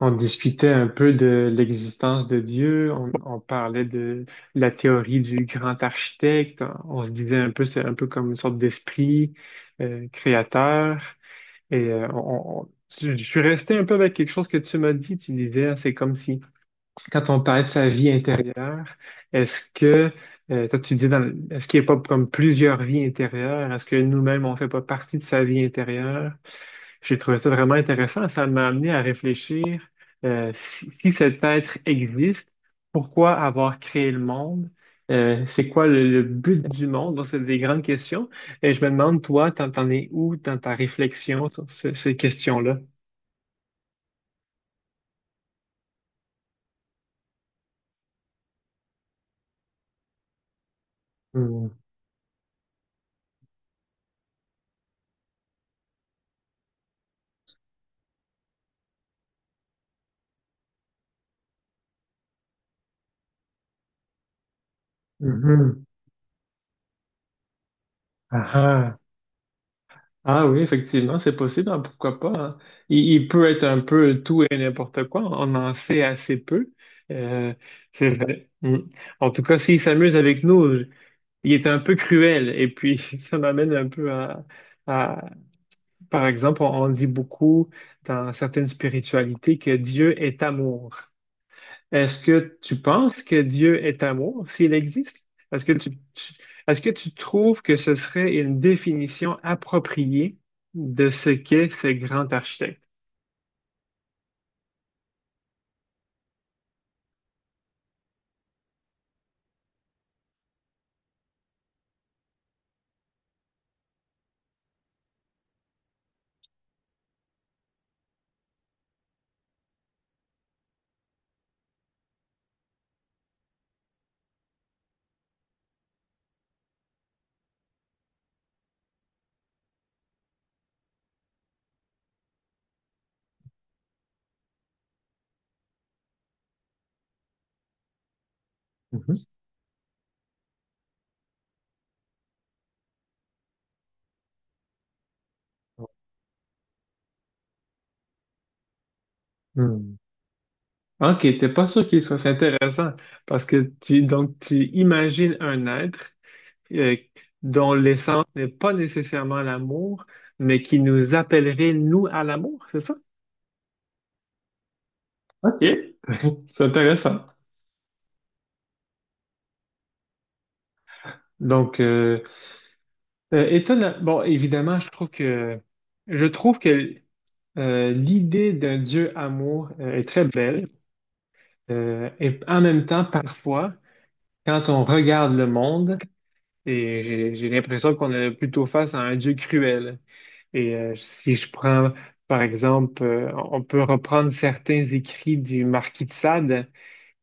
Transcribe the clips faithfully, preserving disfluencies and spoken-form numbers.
On discutait un peu de l'existence de Dieu, on, on parlait de la théorie du grand architecte. On se disait un peu, c'est un peu comme une sorte d'esprit euh, créateur. Et euh, on- on- je je suis resté un peu avec quelque chose que tu m'as dit. Tu disais, hein, c'est comme si, quand on parlait de sa vie intérieure, est-ce que, euh, toi tu dis, dans le- est-ce qu'il n'y a pas comme plusieurs vies intérieures? Est-ce que nous-mêmes, on ne fait pas partie de sa vie intérieure? J'ai trouvé ça vraiment intéressant. Ça m'a amené à réfléchir: euh, si, si cet être existe, pourquoi avoir créé le monde? Euh, c'est quoi le, le but du monde? Donc, c'est des grandes questions. Et je me demande, toi, t'en, t'en es où dans ta réflexion sur ce- ces questions-là? Hmm. Mhm. Ah, ah. Ah oui, effectivement, c'est possible, hein, pourquoi pas, hein. Il, il peut être un peu tout et n'importe quoi, on en sait assez peu. Euh, c'est vrai. Hmm. En tout cas, s'il s'amuse avec nous, il était un peu cruel. Et puis, ça m'amène un peu à, à- par exemple, on, on dit beaucoup dans certaines spiritualités que Dieu est amour. Est-ce que tu penses que Dieu est amour, s'il existe? Est-ce que tu, tu- Est-ce que tu trouves que ce serait une définition appropriée de ce qu'est ce grand architecte? Mhm. Hmm. Ok, t'es pas sûr qu'il soit, c'est intéressant, parce que tu donc tu imagines un être euh, dont l'essence n'est pas nécessairement l'amour, mais qui nous appellerait, nous, à l'amour, c'est ça? OK, c'est intéressant. Donc, euh, euh, Étonnant. Bon, évidemment, je trouve que je trouve que euh, l'idée d'un Dieu amour euh, est très belle. Euh, et en même temps, parfois, quand on regarde le monde, et j'ai j'ai l'impression qu'on est plutôt face à un Dieu cruel. Et euh, si je prends, par exemple, euh, on peut reprendre certains écrits du Marquis de Sade,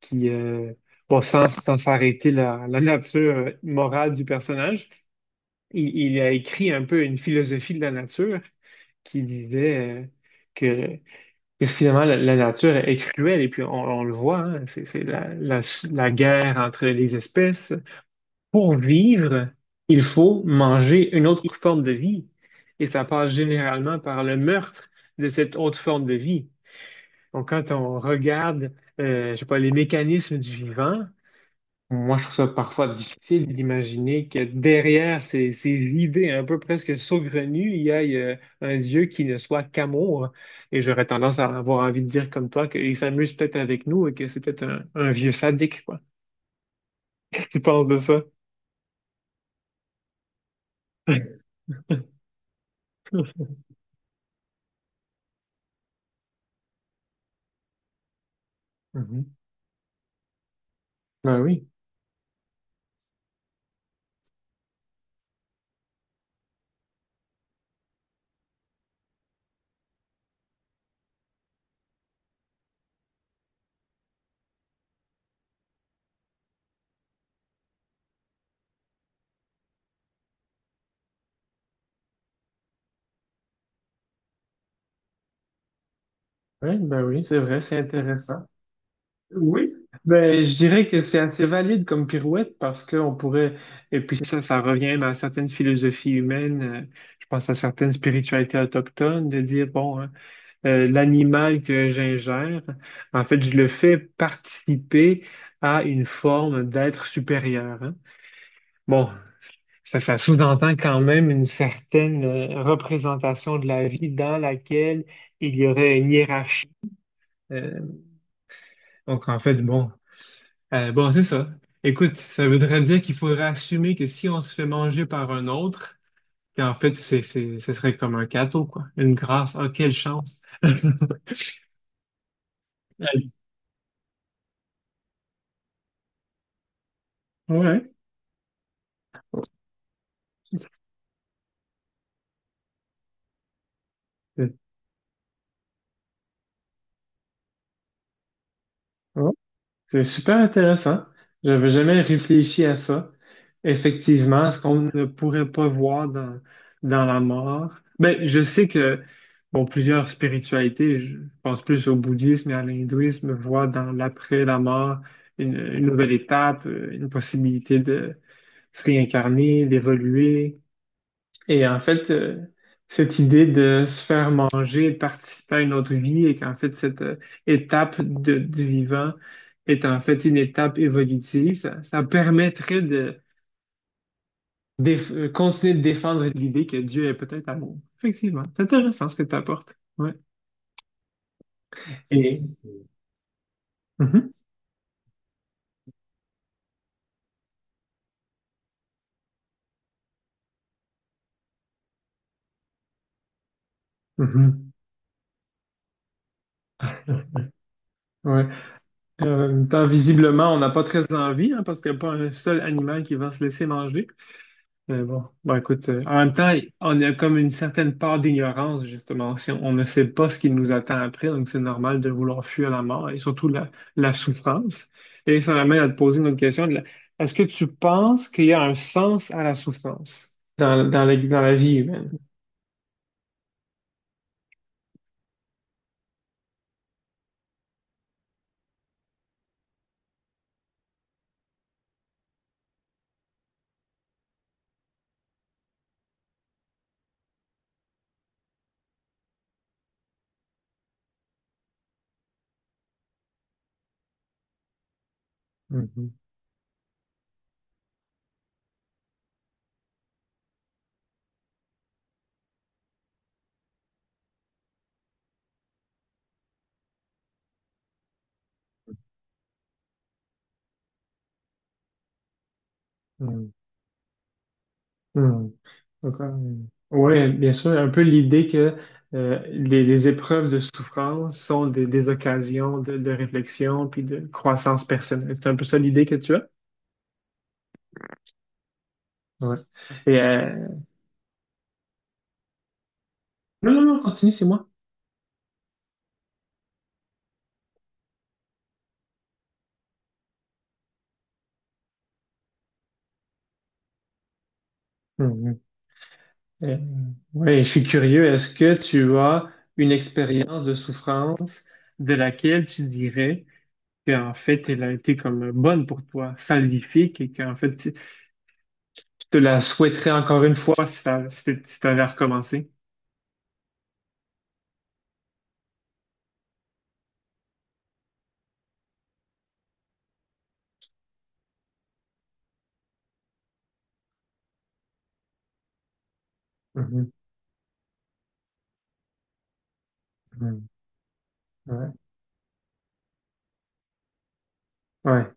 qui, euh, bon, sans, sans s'arrêter la, la nature euh, morale du personnage, il, il a écrit un peu une philosophie de la nature qui disait euh, que, que finalement la, la nature est cruelle, et puis on, on le voit, hein. C'est, c'est la, la, la guerre entre les espèces. Pour vivre, il faut manger une autre forme de vie. Et ça passe généralement par le meurtre de cette autre forme de vie. Donc, quand on regarde, euh, je sais pas, les mécanismes du vivant, moi, je trouve ça parfois difficile d'imaginer que derrière ces, ces idées un peu presque saugrenues, il y a euh, un Dieu qui ne soit qu'amour. Et j'aurais tendance à avoir envie de dire comme toi qu'il s'amuse peut-être avec nous et que c'est peut-être un, un vieux sadique, quoi. Qu'est-ce que tu penses de ça? Mhm. Ben oui. Oui, ben oui, c'est vrai, c'est intéressant. Oui, ben je dirais que c'est assez valide comme pirouette, parce qu'on pourrait, et puis ça, ça revient même à certaines philosophies humaines. Euh, je pense à certaines spiritualités autochtones, de dire, bon, hein, euh, l'animal que j'ingère, en fait, je le fais participer à une forme d'être supérieur, hein. Bon, ça, ça sous-entend quand même une certaine euh, représentation de la vie dans laquelle il y aurait une hiérarchie. euh, Donc, en fait, bon, euh, bon, c'est ça. Écoute, ça voudrait dire qu'il faudrait assumer que si on se fait manger par un autre, qu'en fait, c'est, c'est, ce serait comme un cadeau, quoi. Une grâce. Ah, quelle chance! Ouais. Ouais. C'est super intéressant. J'avais jamais réfléchi à ça. Effectivement, ce qu'on ne pourrait pas voir dans, dans la mort. Ben, je sais que, bon, plusieurs spiritualités, je pense plus au bouddhisme et à l'hindouisme, voient dans l'après la mort une, une nouvelle étape, euh, une possibilité de se réincarner, d'évoluer. Et en fait, euh, cette idée de se faire manger, de participer à une autre vie, et qu'en fait, cette euh, étape de, du vivant est en fait une étape évolutive, ça, ça permettrait de déf- euh, continuer de défendre l'idée que Dieu est peut-être amour. Effectivement, c'est intéressant ce que tu apportes. Ouais. Et... Mhm, mhm, ouais. Et en même temps, visiblement, on n'a pas très envie, hein, parce qu'il n'y a pas un seul animal qui va se laisser manger. Mais bon, bon, écoute, euh, en même temps, on a comme une certaine part d'ignorance, justement. Si on, on ne sait pas ce qui nous attend après, donc c'est normal de vouloir fuir la mort et surtout la, la souffrance. Et ça m'amène à te poser une autre question. de la- Est-ce que tu penses qu'il y a un sens à la souffrance dans, dans la, dans la vie humaine? Mhm, mhm, mhm. Oui, bien sûr, un peu l'idée que euh, les, les épreuves de souffrance sont des, des occasions de, de réflexion puis de croissance personnelle. C'est un peu ça l'idée que tu as? Ouais. Et, euh, Non, non, non, continue, c'est moi. Mhm. Euh, Ouais, je suis curieux. Est-ce que tu as une expérience de souffrance de laquelle tu dirais qu'en fait, elle a été comme bonne pour toi, salvifique, et qu'en fait, tu tu te la souhaiterais encore une fois si tu avais recommencé? Mhm. Ouais, ouais.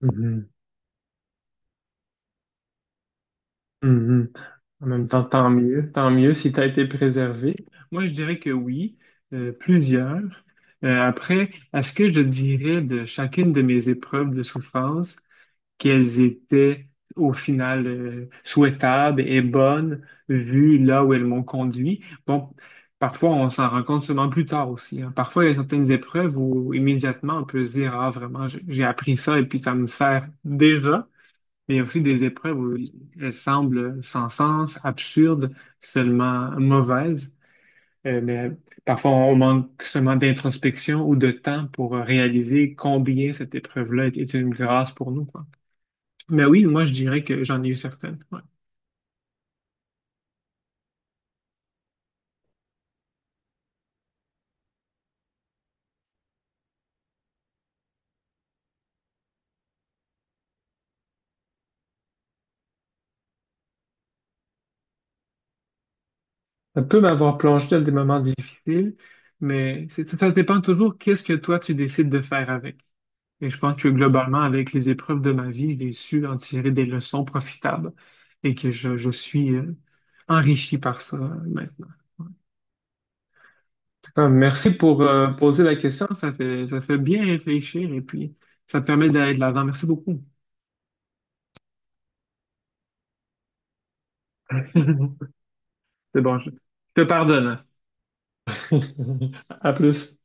Mhm, mhm. En même temps, tant mieux, tant mieux si tu as été préservé. Moi, je dirais que oui, euh, plusieurs. Euh, après, à ce que je dirais de chacune de mes épreuves de souffrance, qu'elles étaient au final euh, souhaitables et bonnes, vu là où elles m'ont conduit. Bon, parfois, on s'en rend compte seulement plus tard aussi, hein. Parfois, il y a certaines épreuves où immédiatement, on peut se dire, ah, vraiment, j'ai j'ai appris ça et puis ça me sert déjà. Mais il y a aussi des épreuves où elles semblent sans sens, absurdes, seulement mauvaises. Euh, mais parfois, on manque seulement d'introspection ou de temps pour euh, réaliser combien cette épreuve-là est, est une grâce pour nous, quoi. Mais oui, moi, je dirais que j'en ai eu certaines, ouais. Ça peut m'avoir plongé dans des moments difficiles, mais c'est- ça dépend toujours qu'est-ce que toi tu décides de faire avec. Et je pense que globalement, avec les épreuves de ma vie, j'ai su en tirer des leçons profitables et que je, je suis euh, enrichi par ça euh, maintenant. En merci pour euh, poser la question. Ça fait, ça fait bien réfléchir et puis ça permet d'aller de l'avant. Merci beaucoup. C'est bon, je je te pardonne. À plus.